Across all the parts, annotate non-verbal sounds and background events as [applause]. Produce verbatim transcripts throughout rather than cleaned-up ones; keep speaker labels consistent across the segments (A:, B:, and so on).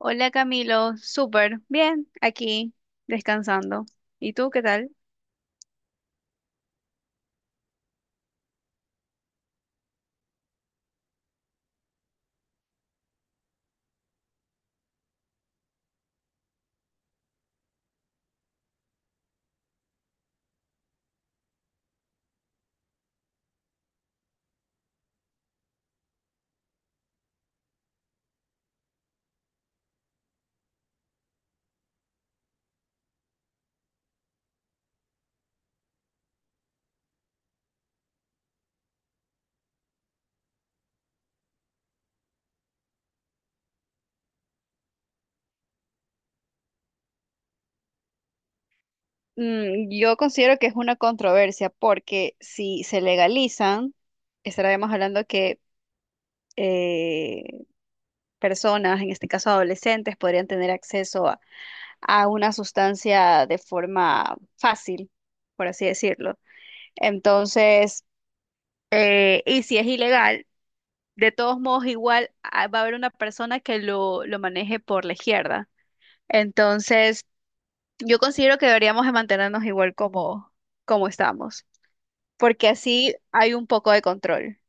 A: Hola Camilo, súper bien, aquí descansando. ¿Y tú qué tal? Mm, yo considero que es una controversia porque si se legalizan, estaríamos hablando que eh, personas, en este caso adolescentes, podrían tener acceso a, a una sustancia de forma fácil, por así decirlo. Entonces, eh, y si es ilegal, de todos modos, igual ah, va a haber una persona que lo, lo maneje por la izquierda. Entonces, yo considero que deberíamos de mantenernos igual como, como estamos, porque así hay un poco de control.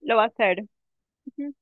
A: Lo va a hacer. Ujú.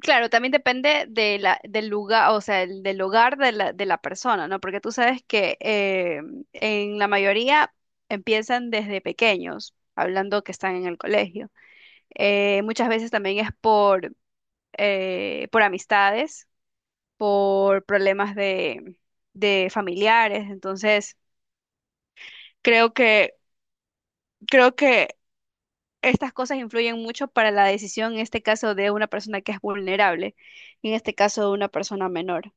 A: Claro, también depende de la, del lugar, o sea, el- del hogar de la, de la persona, ¿no? Porque tú sabes que eh, en la mayoría empiezan desde pequeños, hablando que están en el colegio. Eh, muchas veces también es por, eh, por amistades, por problemas de, de familiares. Entonces, creo que, creo que estas cosas influyen mucho para la decisión, en este caso, de una persona que es vulnerable, en este caso, de una persona menor.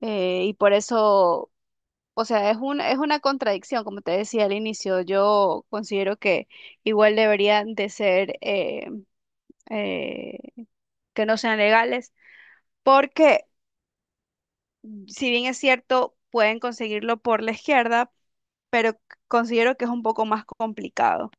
A: Eh, y por eso, o sea, es un, es una contradicción, como te decía al inicio, yo considero que igual deberían de ser, eh, eh, que no sean legales, porque si bien es cierto, pueden conseguirlo por la izquierda, pero considero que es un poco más complicado.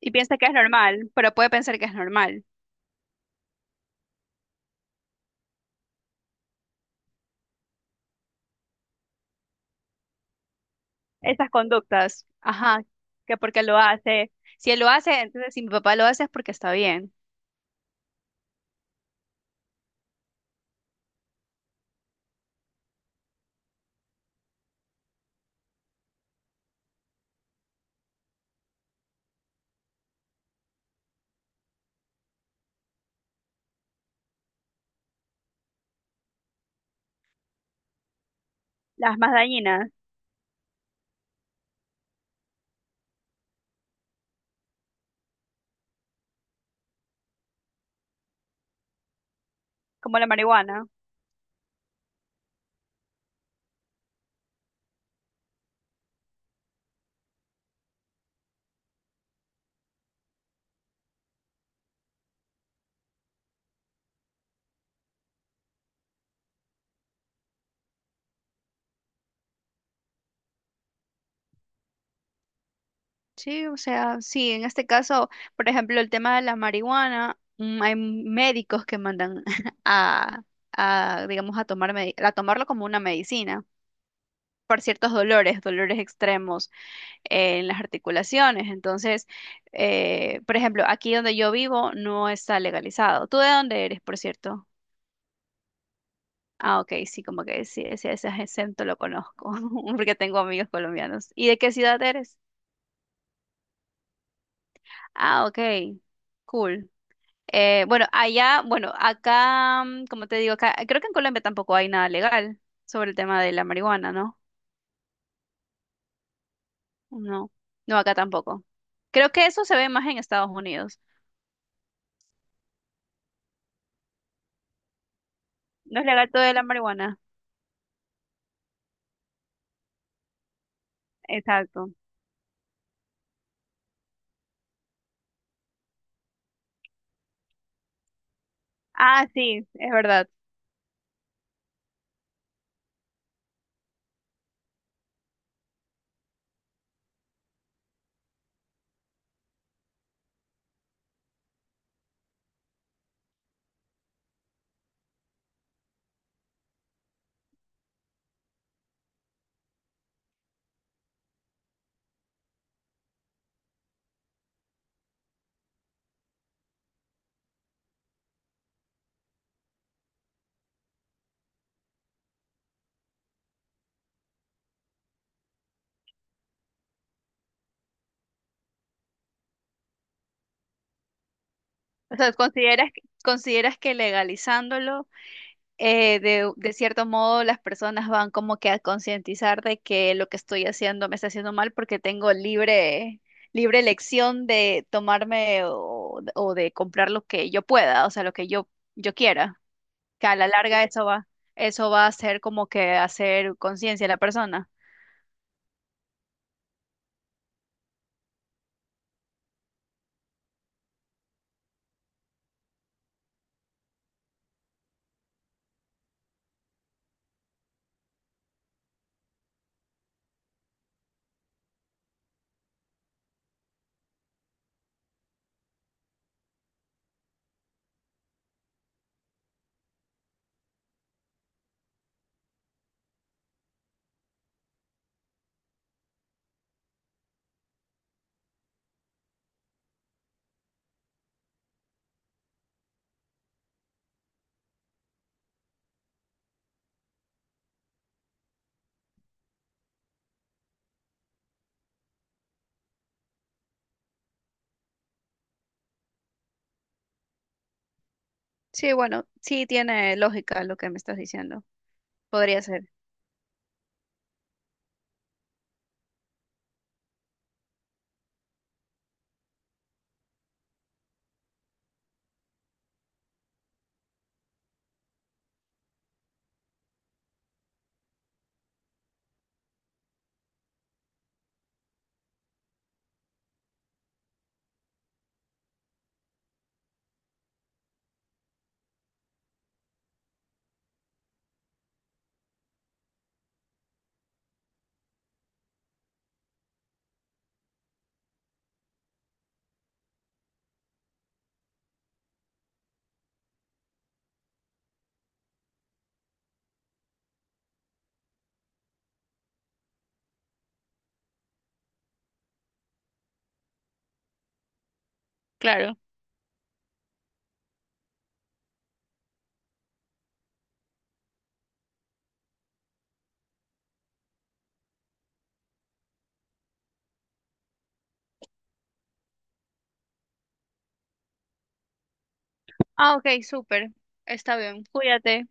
A: Y piensa que es normal, pero puede pensar que es normal. Esas conductas. Ajá, que porque lo hace. Si él lo hace, entonces si mi papá lo hace es porque está bien. Las más dañinas, como la marihuana. Sí, o sea, sí, en este caso, por ejemplo, el tema de la marihuana, mm, hay médicos que mandan [laughs] a, a, digamos, a tomar medi- a tomarlo como una medicina por ciertos dolores, dolores extremos eh, en las articulaciones. Entonces, eh, por ejemplo, aquí donde yo vivo no está legalizado. ¿Tú de dónde eres, por cierto? Ah, ok, sí, como que sí, ese, ese acento lo conozco, [laughs] porque tengo amigos colombianos. ¿Y de qué ciudad eres? Ah, ok, cool. Eh, bueno, allá, bueno, acá, mm, como te digo, acá, creo que en Colombia tampoco hay nada legal sobre el tema de la marihuana, ¿no? No, no, acá tampoco. Creo que eso se ve más en Estados Unidos. No es legal todo de la marihuana. Exacto. Ah, sí, es verdad. O sea, ¿consideras, que- ¿consideras que legalizándolo eh, de, de cierto modo las personas van como que a concientizar de que lo que estoy haciendo me está haciendo mal porque tengo libre, libre elección de tomarme o, o de comprar lo que yo pueda, o sea, lo que yo, yo quiera, que a la larga eso va, eso va a ser como que hacer conciencia a la persona. Sí, bueno, sí tiene lógica lo que me estás diciendo. Podría ser, claro. Ah, ok, súper. Está bien. Cuídate.